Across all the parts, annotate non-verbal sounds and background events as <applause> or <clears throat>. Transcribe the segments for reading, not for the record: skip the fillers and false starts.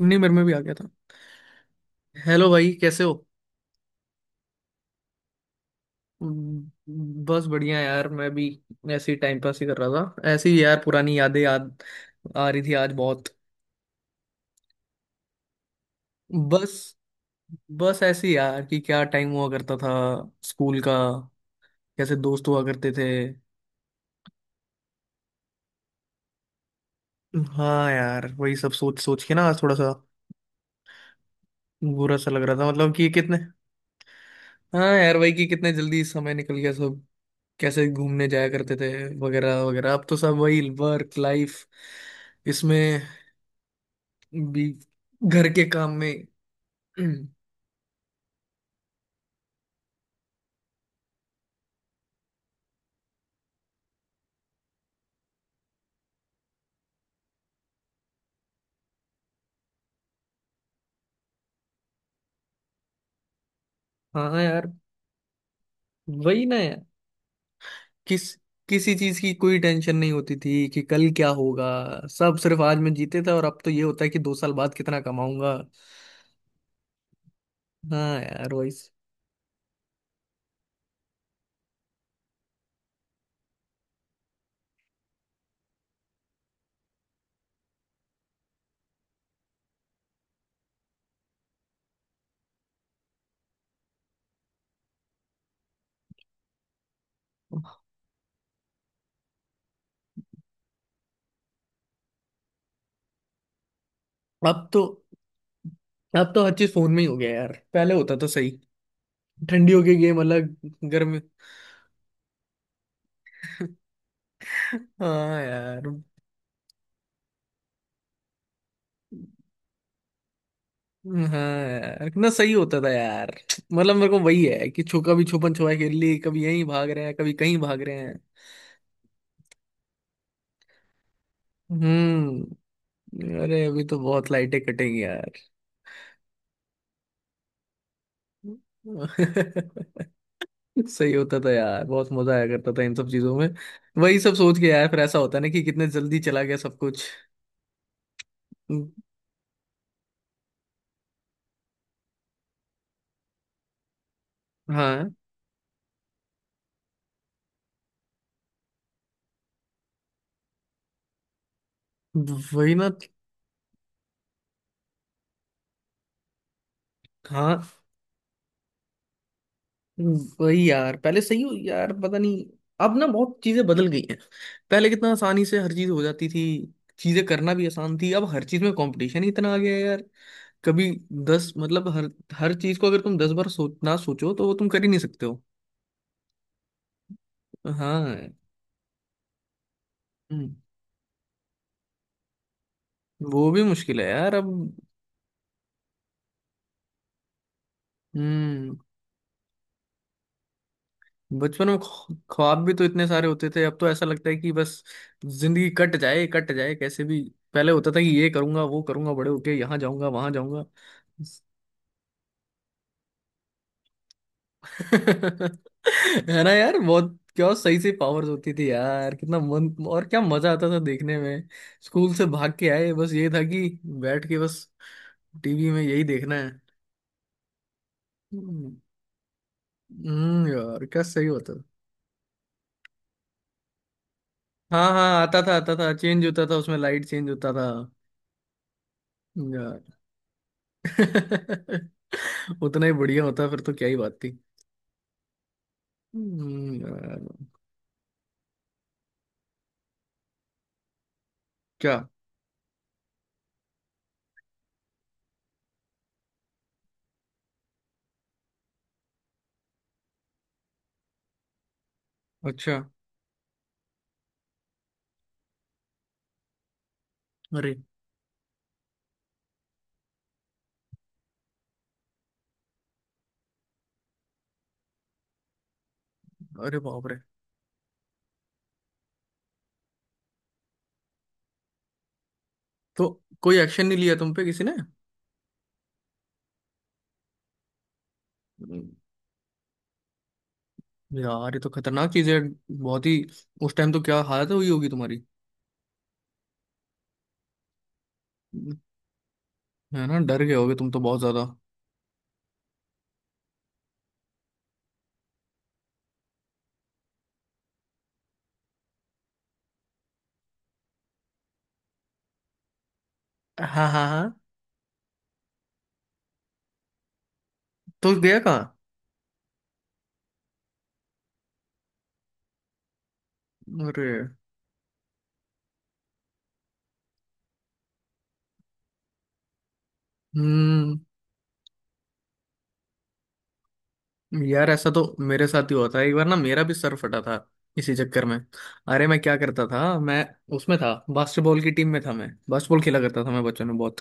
नहीं, मेरे में भी आ गया था। हेलो भाई, कैसे हो? बस बढ़िया यार, मैं भी ऐसे ही टाइम पास ही कर रहा था। ऐसे ही यार, पुरानी यादें याद आ रही थी आज बहुत। बस बस ऐसे ही यार, कि क्या टाइम हुआ करता था स्कूल का, कैसे दोस्त हुआ करते थे। हाँ यार, वही सब सोच सोच के ना आज थोड़ा सा बुरा सा लग रहा था, मतलब कि कितने। हाँ यार, वही कि कितने जल्दी समय निकल गया सब। कैसे घूमने जाया करते थे वगैरह वगैरह। अब तो सब वही वर्क लाइफ, इसमें भी, घर के काम में <clears throat> हम्म, हाँ यार, वही ना यार। किस किसी चीज की कोई टेंशन नहीं होती थी कि कल क्या होगा। सब सिर्फ आज में जीते थे, और अब तो ये होता है कि दो साल बाद कितना कमाऊंगा। हाँ यार वही। अब तो अब तो हर चीज फोन में ही हो गया यार, पहले होता तो सही। ठंडियों के गेम अलग, गर्मी। <laughs> हाँ यार। हाँ यार, कितना सही होता था यार। मतलब मेरे को वही है कि छो कभी छुपन छुपाई खेल ली, कभी यहीं भाग रहे हैं, कभी कहीं भाग रहे हैं। हम्म। अरे, अभी तो बहुत लाइटें कटेंगी यार। <laughs> सही होता था यार, बहुत मजा आया करता था इन सब चीजों में। वही सब सोच के यार फिर ऐसा होता है ना कि कितने जल्दी चला गया सब कुछ। हाँ, वही ना। हाँ वही यार, पहले सही हो यार, पता नहीं। अब ना बहुत चीजें बदल गई हैं। पहले कितना आसानी से हर चीज हो जाती थी, चीजें करना भी आसान थी। अब हर चीज में कंपटीशन ही इतना आ गया है यार। कभी दस मतलब, हर हर चीज को अगर तुम दस बार सोच ना सोचो तो वो तुम कर ही नहीं सकते हो। हाँ। हम्म, वो भी मुश्किल है यार अब। हम्म। बचपन में ख्वाब भी तो इतने सारे होते थे, अब तो ऐसा लगता है कि बस जिंदगी कट जाए कैसे भी। पहले होता था कि ये करूंगा, वो करूंगा, बड़े होके यहाँ जाऊंगा, वहां जाऊंगा। है ना यार, बहुत क्या सही से पावर्स होती थी यार, कितना मन, और क्या मजा आता था देखने में। स्कूल से भाग के आए, बस ये था कि बैठ के बस टीवी में यही देखना है। हम्म। यार क्या सही होता था। हाँ हाँ, आता था, आता था, चेंज होता था, उसमें लाइट चेंज होता था। यार, <laughs> उतना ही बढ़िया होता फिर तो क्या ही बात थी। यार। क्या? अच्छा। अरे। अरे बाप रे। तो कोई एक्शन नहीं लिया तुम पे किसी ने? यार ये तो खतरनाक चीज है, बहुत ही। उस टाइम तो क्या हालत हुई होगी तुम्हारी। है ना, डर गए होगे तुम तो बहुत ज्यादा। हाँ हाँ हाँ। तो गया कहाँ? अरे। हम्म। यार ऐसा तो मेरे साथ ही हुआ था एक बार ना, मेरा भी सर फटा था इसी चक्कर में। अरे मैं क्या करता था, मैं उसमें था, बास्केटबॉल की टीम में था, मैं बास्केटबॉल खेला करता था, मैं बच्चों ने बहुत।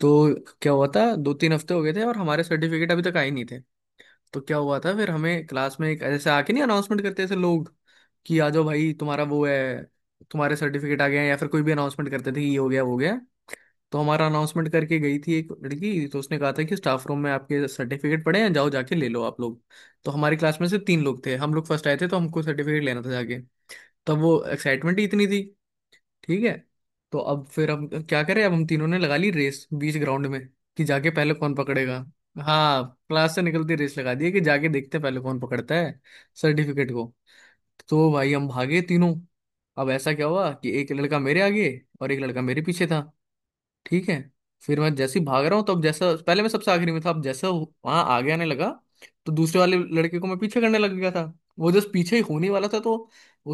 तो क्या हुआ था, दो तीन हफ्ते हो गए थे और हमारे सर्टिफिकेट अभी तक आए नहीं थे। तो क्या हुआ था फिर, हमें क्लास में, एक जैसे आके नहीं, अनाउंसमेंट करते ऐसे लोग कि आ जाओ भाई तुम्हारा वो है, तुम्हारे सर्टिफिकेट आ गए हैं, या फिर कोई भी अनाउंसमेंट करते थे कि ये हो गया, वो हो गया। तो हमारा अनाउंसमेंट करके गई थी एक लड़की, तो उसने कहा था कि स्टाफ रूम में आपके सर्टिफिकेट पड़े हैं, जाओ जाके ले लो आप लोग। तो हमारी क्लास में से तीन लोग थे, हम लोग फर्स्ट आए थे, तो हमको सर्टिफिकेट लेना था जाके। तब वो एक्साइटमेंट ही इतनी थी। ठीक है। तो अब फिर हम क्या करें, अब हम तीनों ने लगा ली रेस बीच ग्राउंड में कि जाके पहले कौन पकड़ेगा। हाँ, क्लास से निकलती रेस लगा दी है कि जाके देखते हैं पहले कौन पकड़ता है सर्टिफिकेट को। तो भाई हम भागे तीनों। अब ऐसा क्या हुआ कि एक लड़का मेरे आगे और एक लड़का मेरे पीछे था। ठीक है, फिर मैं जैसे ही भाग रहा हूँ तब जैसा पहले मैं सबसे आखिरी में था अब जैसा वहां आगे आने लगा, तो दूसरे वाले लड़के को मैं पीछे करने लग गया था। वो जस्ट पीछे ही होने वाला था, तो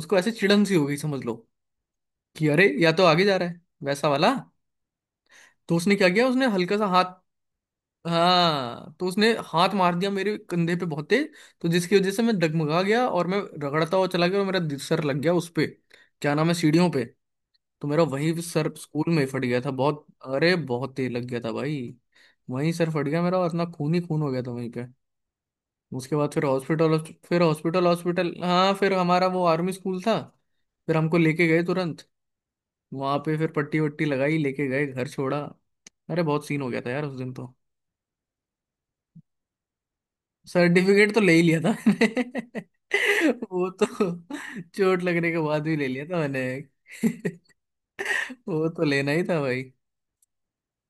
उसको ऐसे चिड़न सी हो गई समझ लो, कि अरे या तो आगे जा रहा है वैसा वाला। तो उसने क्या किया, उसने हल्का सा हाथ। हाँ, तो उसने हाथ मार दिया मेरे कंधे पे बहुत तेज, तो जिसकी वजह से मैं डगमगा गया और मैं रगड़ता हुआ चला गया और मेरा सर लग गया उस पे, क्या नाम है, सीढ़ियों पे। तो मेरा वही सर स्कूल में ही फट गया था, बहुत, अरे बहुत तेज लग गया था भाई। वहीं सर फट गया मेरा और इतना खून ही खून हो गया था वहीं पे। उसके बाद फिर हॉस्पिटल। फिर हॉस्पिटल हॉस्पिटल, हाँ, फिर हमारा वो आर्मी स्कूल था, फिर हमको लेके गए तुरंत। वहां पे फिर पट्टी वट्टी लगाई, लेके गए, घर छोड़ा। अरे बहुत सीन हो गया था यार उस दिन तो। सर्टिफिकेट तो ले ही लिया था मैंने। <laughs> वो तो चोट लगने के बाद भी ले लिया था मैंने। <laughs> वो तो लेना ही था भाई।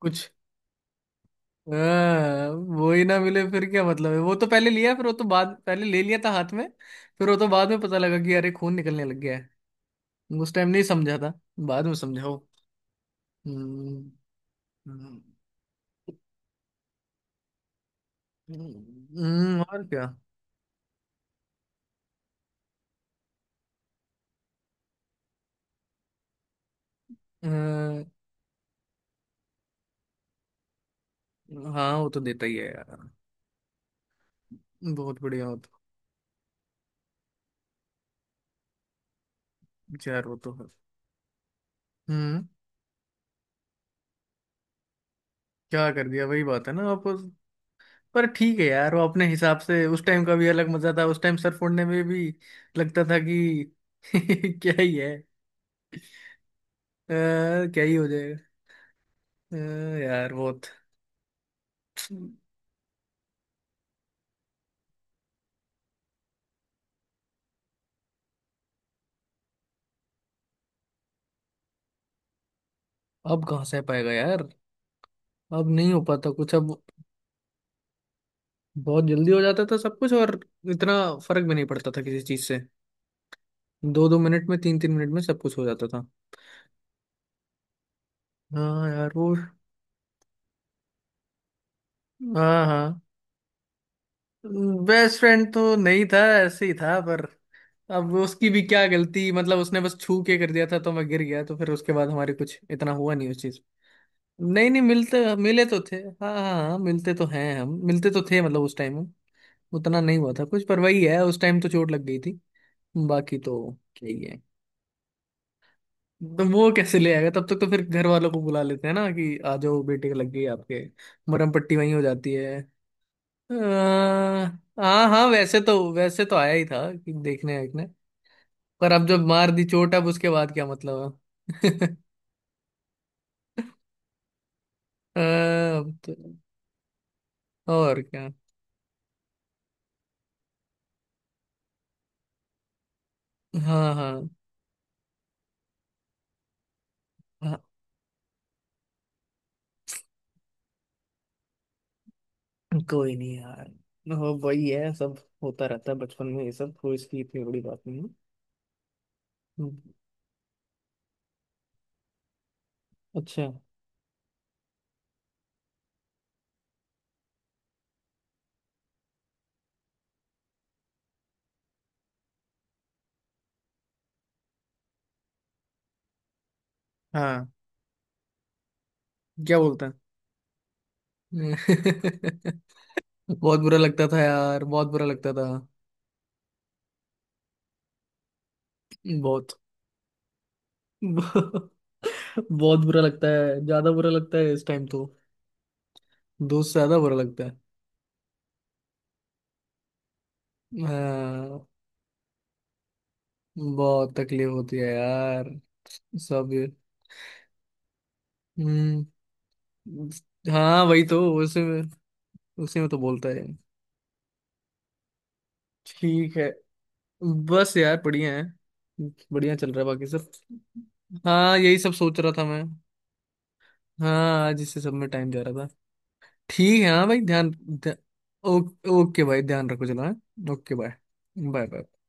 कुछ, हाँ। वो ही ना मिले फिर क्या मतलब है, वो तो पहले लिया, फिर वो तो बाद, पहले ले लिया था हाथ में, फिर वो तो बाद में पता लगा कि अरे खून निकलने लग गया है। उस टाइम नहीं समझा था, बाद में समझाओ। हम्म। हम्म। और क्या। हाँ। हाँ, वो तो देता ही है यार। बहुत बढ़िया हो। तो यार वो तो है। हम्म। क्या कर दिया, वही बात है ना आप। पर ठीक है यार, वो अपने हिसाब से उस टाइम का भी अलग मजा था, उस टाइम सर फोड़ने में भी लगता था कि <laughs> क्या ही है। क्या ही हो जाएगा। अ, यार बहुत। अब कहाँ सह पाएगा यार। अब नहीं हो पाता कुछ अब। बहुत जल्दी हो जाता था सब कुछ और इतना फर्क भी नहीं पड़ता था किसी चीज से। दो दो मिनट में तीन तीन मिनट में सब कुछ हो जाता था। हाँ यार वो। हाँ हाँ। बेस्ट फ्रेंड तो नहीं था, ऐसे ही था। पर अब उसकी भी क्या गलती, मतलब उसने बस छू के कर दिया था तो मैं गिर गया, तो फिर उसके बाद हमारे कुछ इतना हुआ नहीं उस चीज। नहीं नहीं, मिलते, मिले तो थे, हाँ हाँ हाँ, मिलते तो हैं हम, मिलते तो थे मतलब उस टाइम में। उतना नहीं हुआ था कुछ, पर वही है उस टाइम तो चोट लग गई थी। बाकी तो, यही है। तो वो कैसे ले आएगा, तब तक तो फिर घर वालों को बुला लेते हैं ना कि आ जाओ बेटे को लग गई आपके, मरहम पट्टी वहीं हो जाती है। अ, हाँ हाँ, वैसे तो आया ही था कि देखने देखने। पर अब जब मार दी चोट, अब उसके बाद क्या मतलब है। <laughs> अब तो, और क्या। हाँ हाँ हाँ। कोई नहीं यार, हो वही है सब, होता रहता है बचपन में ये सब, कोई इसकी इतनी बड़ी बात नहीं है। हम्म, अच्छा। हाँ, क्या बोलता है? <laughs> बहुत बुरा लगता था यार, बहुत बुरा लगता था। बहुत <laughs> बहुत बुरा लगता है, ज्यादा बुरा लगता है इस टाइम तो, दोस्त से ज्यादा बुरा लगता है। हाँ, बहुत तकलीफ होती है यार। सब। हम्म। हाँ वही तो, उसी में, उसी में तो बोलता है। ठीक है, बस यार बढ़िया है, बढ़िया चल रहा है बाकी सब। हाँ, यही सब सोच रहा था मैं। हाँ, आज इसी सब में टाइम जा रहा था। ठीक है। हाँ भाई, ध्यान, ध्यान। ओ, ओके भाई, ध्यान रखो, चलो हाँ। Okay bye. Bye bye.